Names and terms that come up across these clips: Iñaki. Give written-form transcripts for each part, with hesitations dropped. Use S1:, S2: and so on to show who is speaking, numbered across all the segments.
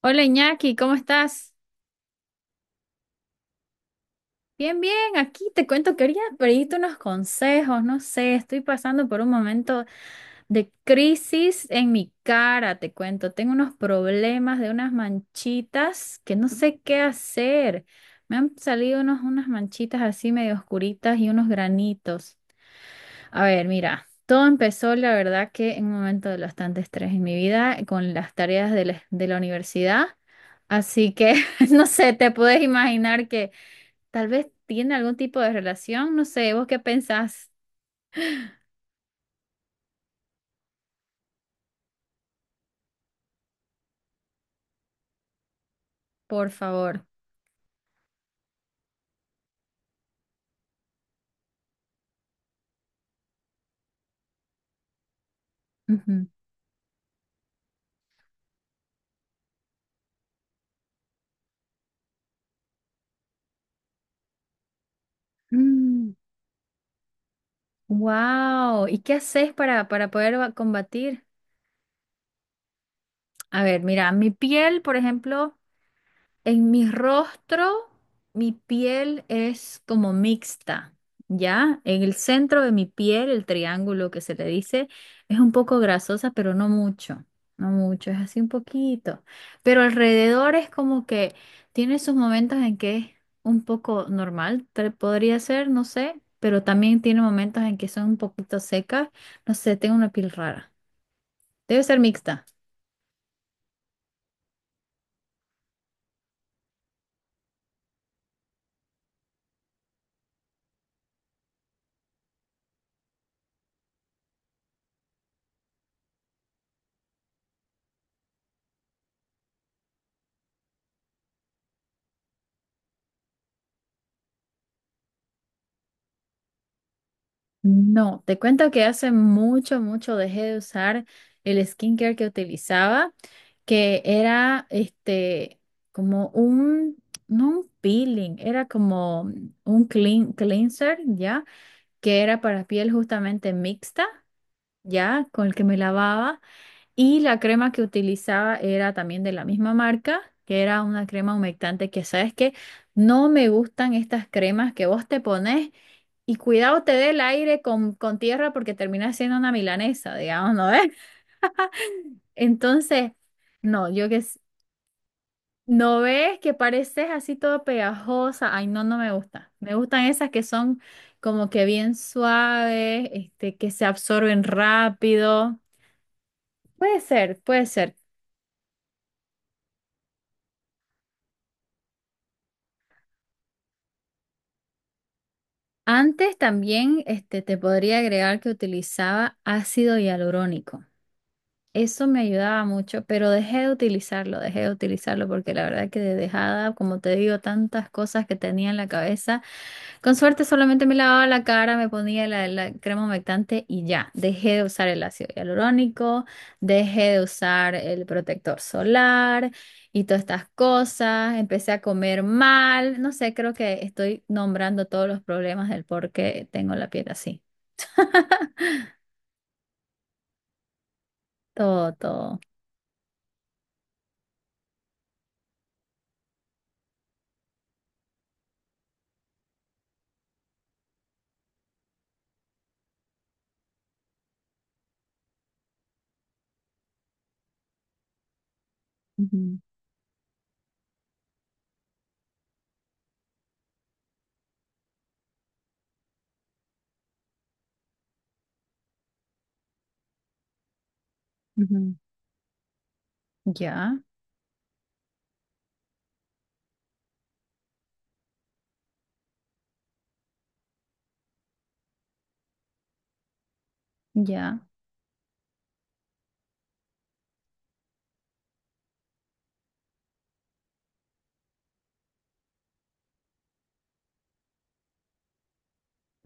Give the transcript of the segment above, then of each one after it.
S1: Hola Iñaki, ¿cómo estás? Bien, bien, aquí te cuento, que quería pedirte unos consejos, no sé, estoy pasando por un momento de crisis en mi cara, te cuento, tengo unos problemas de unas manchitas que no sé qué hacer. Me han salido unas manchitas así medio oscuritas y unos granitos. A ver, mira, todo empezó, la verdad, que en un momento de bastante estrés en mi vida, con las tareas de la universidad. Así que, no sé, te puedes imaginar que tal vez tiene algún tipo de relación. No sé, ¿vos qué pensás? Por favor. Ujú. Mm, wow. ¿Y qué haces para poder combatir? A ver, mira, mi piel, por ejemplo. En mi rostro, mi piel es como mixta, ¿ya? En el centro de mi piel, el triángulo que se le dice, es un poco grasosa, pero no mucho, no mucho, es así un poquito. Pero alrededor es como que tiene sus momentos en que es un poco normal, podría ser, no sé, pero también tiene momentos en que son un poquito secas, no sé, tengo una piel rara. Debe ser mixta. No, te cuento que hace mucho, mucho dejé de usar el skincare que utilizaba, que era este como un, no un peeling, era como un cleanser, ¿ya? Que era para piel justamente mixta, ¿ya? Con el que me lavaba. Y la crema que utilizaba era también de la misma marca, que era una crema humectante que, ¿sabes que No me gustan estas cremas que vos te pones. Y cuidado te dé el aire con tierra porque termina siendo una milanesa, digamos, ¿no ves? Entonces, no, no ves que pareces así todo pegajosa. Ay, no, no me gusta. Me gustan esas que son como que bien suaves, este, que se absorben rápido. Puede ser, puede ser. Antes también, este, te podría agregar que utilizaba ácido hialurónico. Eso me ayudaba mucho, pero dejé de utilizarlo porque la verdad que de dejada, como te digo, tantas cosas que tenía en la cabeza. Con suerte solamente me lavaba la cara, me ponía la crema humectante y ya, dejé de usar el ácido hialurónico, dejé de usar el protector solar y todas estas cosas. Empecé a comer mal, no sé, creo que estoy nombrando todos los problemas del por qué tengo la piel así. Todo, todo. Ujú, ujú. Ya, ya.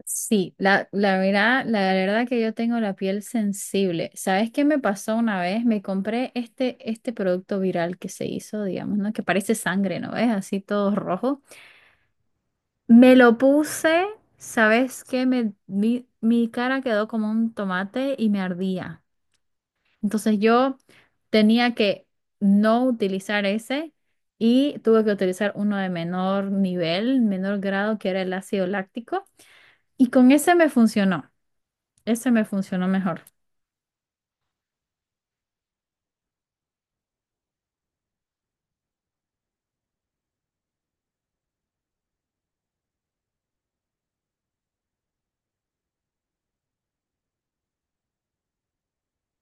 S1: Sí, la verdad que yo tengo la piel sensible. ¿Sabes qué me pasó una vez? Me compré este producto viral que se hizo, digamos, ¿no? Que parece sangre, ¿no ves? Así todo rojo. Me lo puse, ¿sabes qué? Mi cara quedó como un tomate y me ardía. Entonces yo tenía que no utilizar ese y tuve que utilizar uno de menor nivel, menor grado, que era el ácido láctico. Y con ese me funcionó. Ese me funcionó mejor.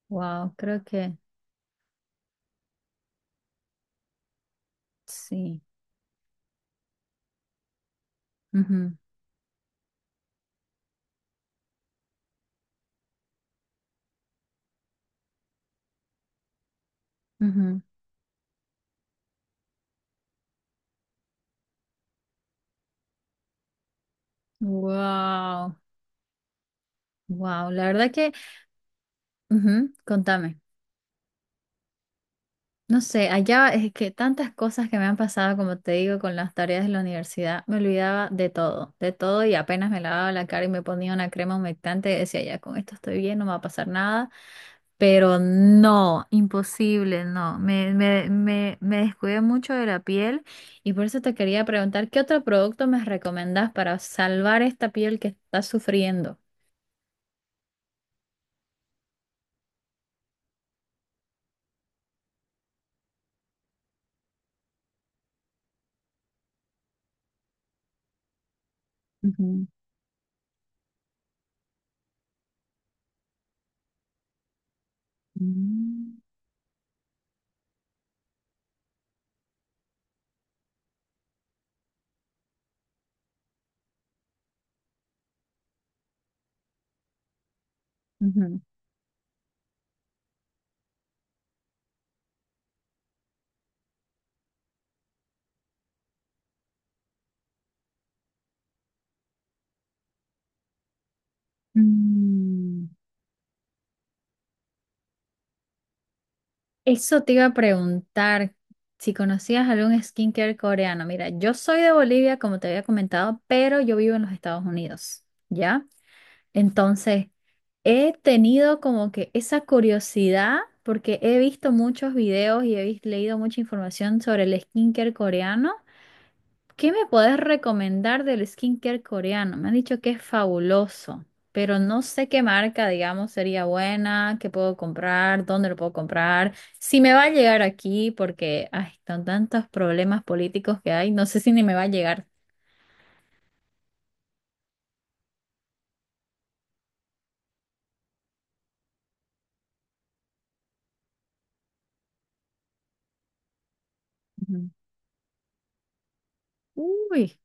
S1: Wow, creo que sí. Ujú, ujú. Wow, wow. La verdad que, ujú, contame. No sé, allá es que tantas cosas que me han pasado, como te digo, con las tareas de la universidad, me olvidaba de todo y apenas me lavaba la cara y me ponía una crema humectante, decía, ya con esto estoy bien, no me va a pasar nada, pero no, imposible, no, me descuidé mucho de la piel y por eso te quería preguntar, ¿qué otro producto me recomendás para salvar esta piel que está sufriendo? Ujú. Mm, ujú. Mm. Eso te iba a preguntar si conocías algún skincare coreano. Mira, yo soy de Bolivia, como te había comentado, pero yo vivo en los Estados Unidos, ¿ya? Entonces, he tenido como que esa curiosidad porque he visto muchos videos y leído mucha información sobre el skincare coreano. ¿Qué me puedes recomendar del skincare coreano? Me han dicho que es fabuloso, pero no sé qué marca, digamos, sería buena, qué puedo comprar, dónde lo puedo comprar, si me va a llegar aquí, porque ay, con tantos problemas políticos que hay, no sé si ni me va a llegar. Ujú. Uy,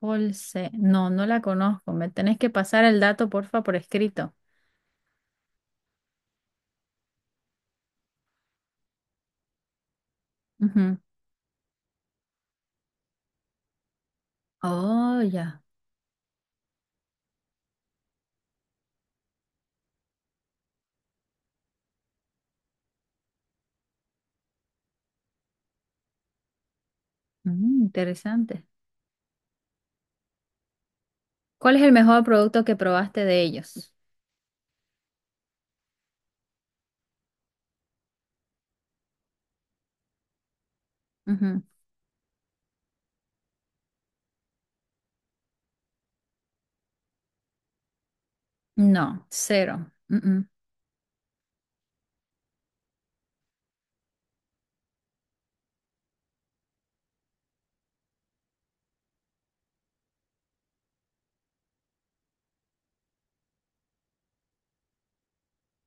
S1: Holse, no, no la conozco. Me tenés que pasar el dato, porfa, por escrito. Ujú. Oh, ya. Mm, interesante. ¿Cuál es el mejor producto que probaste de ellos? No, cero. Mm,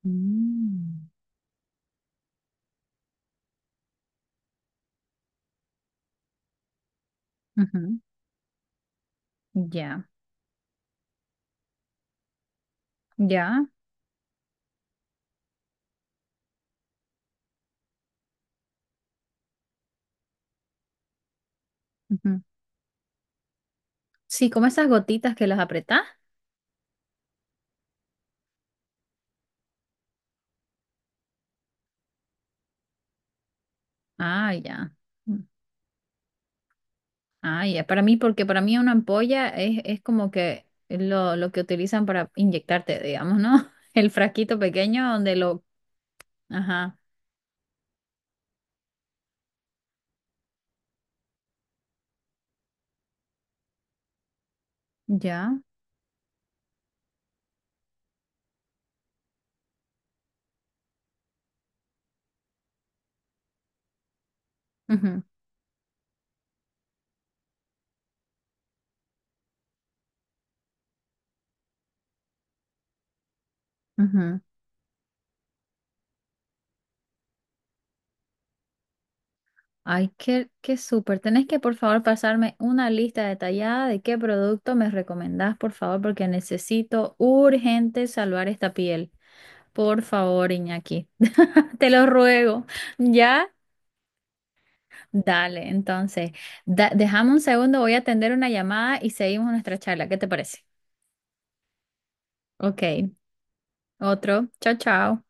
S1: mm. Mm, ujú. Ya, ya. Ujú. Sí, como esas gotitas que las apretás. Ah, ya. Mm. Ah, ya. Para mí, porque para mí una ampolla es como que lo que utilizan para inyectarte, digamos, ¿no? El frasquito pequeño donde lo... Ajá, ya. Ujú, ujú. Ay, qué, qué súper. Tenés que, por favor, pasarme una lista detallada de qué producto me recomendás, por favor, porque necesito urgente salvar esta piel. Por favor, Iñaki. Te lo ruego. ¿Ya? Dale, entonces, dejame un segundo, voy a atender una llamada y seguimos nuestra charla. ¿Qué te parece? Ok, otro. Chao, chao.